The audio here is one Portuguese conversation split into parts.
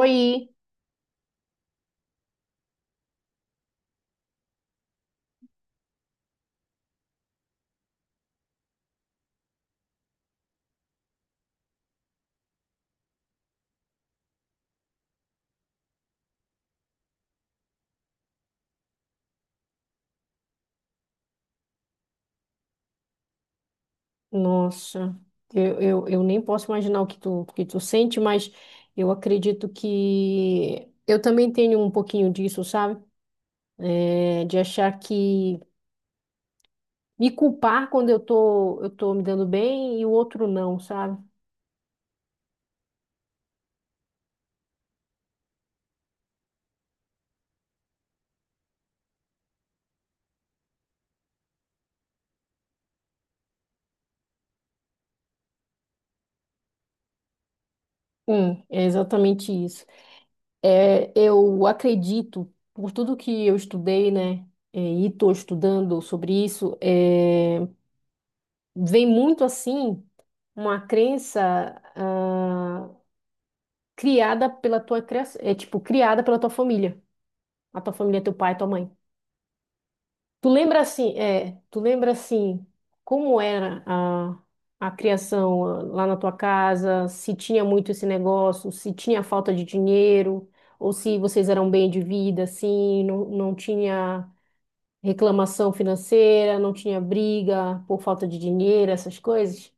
Oi, nossa, eu nem posso imaginar o que tu sente, mas eu acredito que eu também tenho um pouquinho disso, sabe? De achar que me culpar quando eu tô me dando bem e o outro não, sabe? É exatamente isso. Eu acredito, por tudo que eu estudei, né, e estou estudando sobre isso, vem muito assim uma crença ah, criada pela tua criação, é tipo criada pela tua família, a tua família, é teu pai, tua mãe. Tu lembra assim, tu lembra assim como era a criação lá na tua casa, se tinha muito esse negócio, se tinha falta de dinheiro, ou se vocês eram bem de vida, assim, não tinha reclamação financeira, não tinha briga por falta de dinheiro, essas coisas?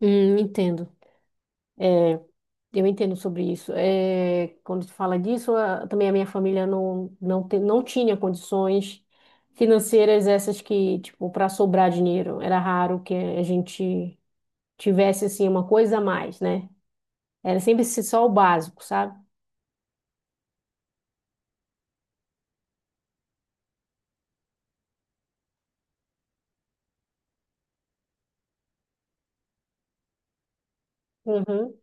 Entendo. É, eu entendo sobre isso. É, quando se fala disso, também a minha família não tinha condições financeiras essas que, tipo, para sobrar dinheiro. Era raro que a gente tivesse, assim, uma coisa a mais, né? Era sempre só o básico, sabe? Uhum.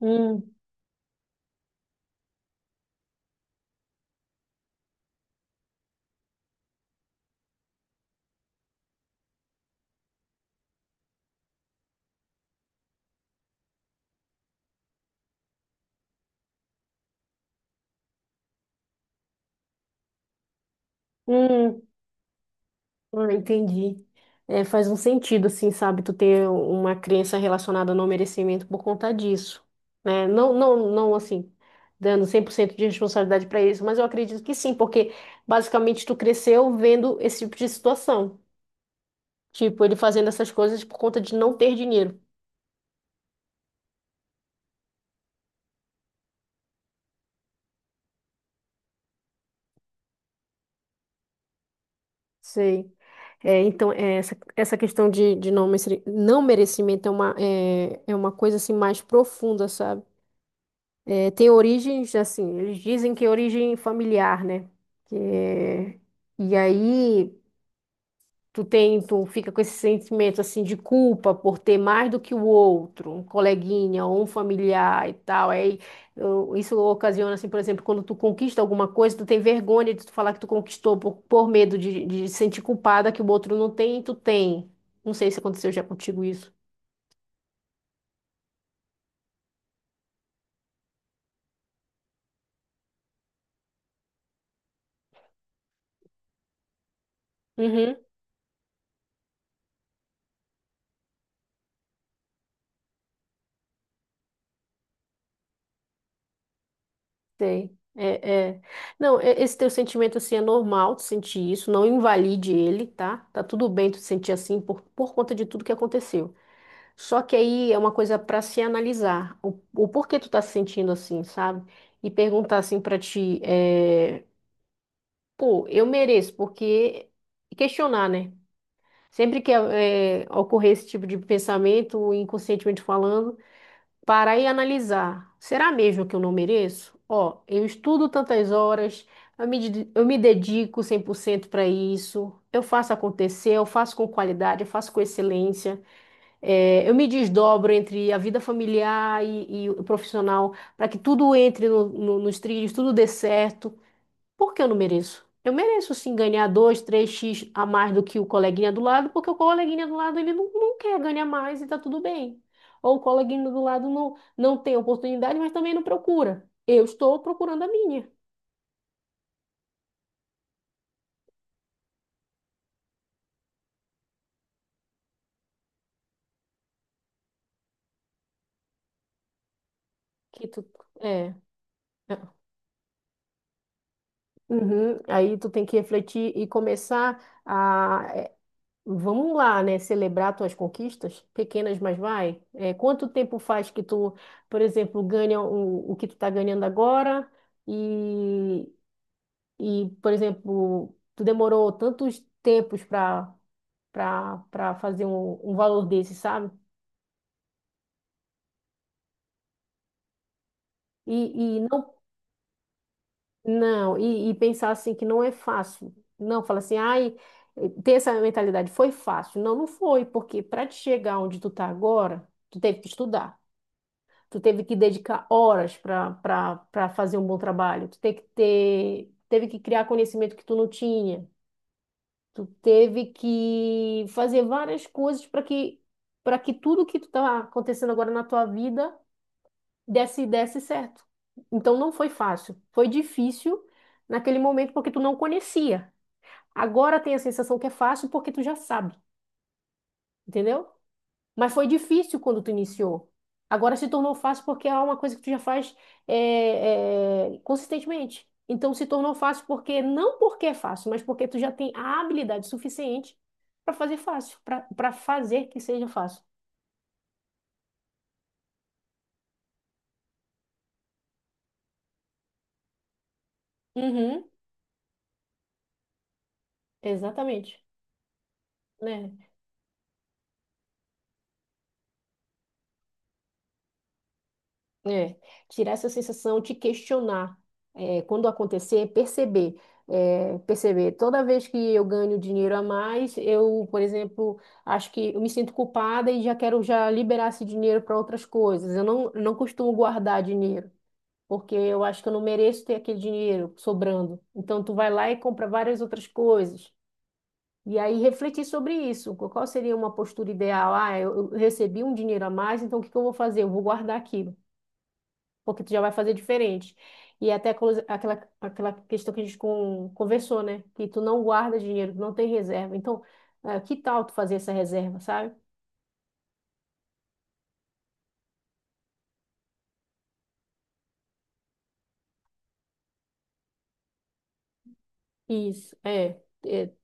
Hum, hum. Ah, entendi. É, faz um sentido, assim, sabe, tu ter uma crença relacionada ao não merecimento por conta disso, né? Não, assim, dando 100% de responsabilidade para isso, mas eu acredito que sim, porque basicamente tu cresceu vendo esse tipo de situação, tipo, ele fazendo essas coisas por conta de não ter dinheiro. Sei. É, então, é, essa questão de não, não merecimento é uma, é uma coisa, assim, mais profunda, sabe? Tem origens, assim, eles dizem que é origem familiar, né? Que é- E aí tu tem, tu fica com esse sentimento assim de culpa por ter mais do que o outro, um coleguinha ou um familiar e tal. Isso ocasiona, assim, por exemplo, quando tu conquista alguma coisa, tu tem vergonha de tu falar que tu conquistou por medo de sentir culpada que o outro não tem e tu tem. Não sei se aconteceu já contigo isso. Sei. É, é. Não, esse teu sentimento assim é normal tu sentir isso, não invalide ele, tá? Tá tudo bem tu sentir assim por conta de tudo que aconteceu. Só que aí é uma coisa pra se analisar, o porquê tu tá se sentindo assim, sabe? E perguntar assim pra ti, pô, eu mereço, porque e questionar, né? Sempre que ocorrer esse tipo de pensamento, inconscientemente falando, parar e analisar. Será mesmo que eu não mereço? Ó, eu estudo tantas horas, eu me dedico 100% para isso, eu faço acontecer, eu faço com qualidade, eu faço com excelência, eu me desdobro entre a vida familiar e o profissional para que tudo entre nos trilhos, tudo dê certo. Por que eu não mereço? Eu mereço sim ganhar dois, três x a mais do que o coleguinha do lado, porque o coleguinha do lado ele não quer ganhar mais e tá tudo bem. Ou o coleguinha do lado não tem oportunidade, mas também não procura. Eu estou procurando a minha. Que tu, é. É. Uhum. Aí tu tem que refletir e começar a vamos lá, né, celebrar tuas conquistas, pequenas, mas vai. É, quanto tempo faz que tu, por exemplo, ganha o que tu tá ganhando agora? e E, por exemplo, tu demorou tantos tempos para para fazer um valor desse, sabe? E, e não e pensar assim que não é fácil. Não, fala assim, ai, ter essa mentalidade foi fácil. Não foi, porque para te chegar onde tu tá agora, tu teve que estudar. Tu teve que dedicar horas para fazer um bom trabalho. Tu teve que ter teve que criar conhecimento que tu não tinha. Tu teve que fazer várias coisas para que tudo que tu tá acontecendo agora na tua vida desse certo. Então não foi fácil, foi difícil naquele momento porque tu não conhecia. Agora tem a sensação que é fácil porque tu já sabe, entendeu? Mas foi difícil quando tu iniciou. Agora se tornou fácil porque é uma coisa que tu já faz consistentemente. Então se tornou fácil porque, não porque é fácil, mas porque tu já tem a habilidade suficiente para fazer fácil, para fazer que seja fácil. Uhum, exatamente. Né? É, tirar essa sensação de questionar, quando acontecer, perceber, perceber. Toda vez que eu ganho dinheiro a mais, eu, por exemplo, acho que eu me sinto culpada e já quero já liberar esse dinheiro para outras coisas. Eu não costumo guardar dinheiro, porque eu acho que eu não mereço ter aquele dinheiro sobrando. Então, tu vai lá e compra várias outras coisas. E aí refletir sobre isso, qual seria uma postura ideal? Ah, eu recebi um dinheiro a mais, então o que que eu vou fazer? Eu vou guardar aqui porque tu já vai fazer diferente. E é até aquela questão que a gente conversou, né? Que tu não guarda dinheiro, tu não tem reserva. Então, ah, que tal tu fazer essa reserva, sabe? Isso, é. É,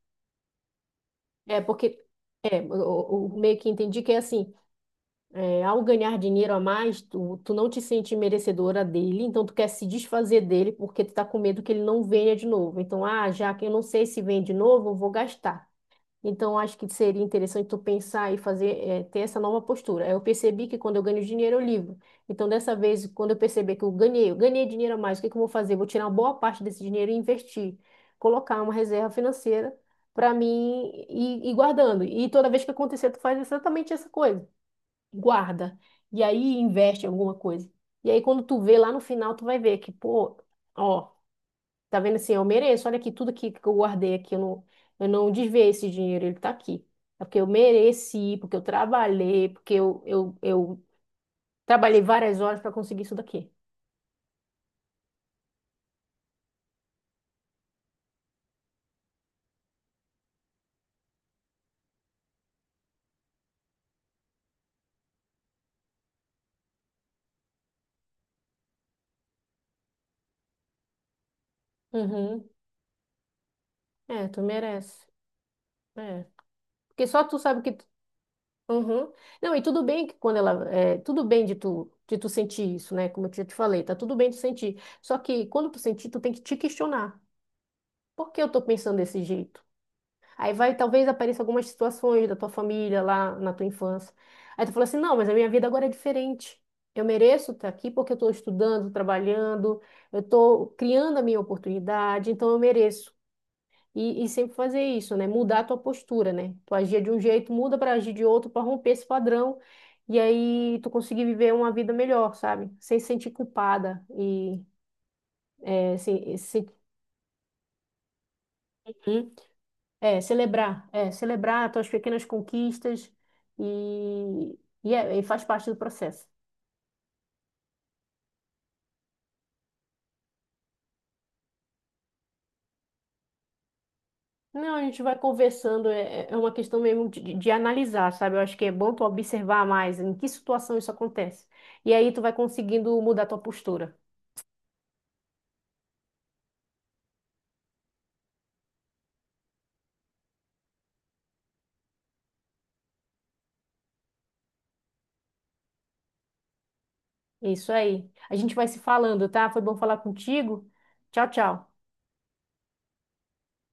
é porque, o, meio que entendi que é assim, é, ao ganhar dinheiro a mais, tu não te sente merecedora dele, então tu quer se desfazer dele porque tu tá com medo que ele não venha de novo. Então, ah, já que eu não sei se vem de novo, eu vou gastar. Então, acho que seria interessante tu pensar e fazer, ter essa nova postura. Eu percebi que quando eu ganho dinheiro, eu livro. Então, dessa vez, quando eu perceber que eu ganhei dinheiro a mais, o que que eu vou fazer? Vou tirar uma boa parte desse dinheiro e investir, colocar uma reserva financeira para mim e guardando. E toda vez que acontecer, tu faz exatamente essa coisa. Guarda. E aí investe em alguma coisa. E aí, quando tu vê lá no final, tu vai ver que, pô, ó. Tá vendo assim, eu mereço. Olha aqui, tudo aqui que eu guardei aqui, eu não desviei esse dinheiro, ele tá aqui. É porque eu mereci, porque eu trabalhei, porque eu trabalhei várias horas para conseguir isso daqui. Uhum. É, tu merece. É. Porque só tu sabe que. Uhum. Não, e tudo bem que quando ela. É, tudo bem de tu sentir isso, né? Como eu já te falei, tá tudo bem de sentir. Só que quando tu sentir, tu tem que te questionar. Por que eu tô pensando desse jeito? Aí vai, talvez apareça algumas situações da tua família lá na tua infância. Aí tu fala assim, não, mas a minha vida agora é diferente. Eu mereço estar aqui porque eu estou estudando, trabalhando, eu estou criando a minha oportunidade, então eu mereço. E sempre fazer isso, né? Mudar a tua postura, né? Tu agia de um jeito, muda para agir de outro, para romper esse padrão. E aí tu conseguir viver uma vida melhor, sabe? Sem se sentir culpada e é, sem, sem- é, celebrar tuas pequenas conquistas e, e faz parte do processo. Não, a gente vai conversando, é uma questão mesmo de analisar, sabe? Eu acho que é bom tu observar mais em que situação isso acontece. E aí tu vai conseguindo mudar tua postura. É isso aí. A gente vai se falando, tá? Foi bom falar contigo. Tchau, tchau.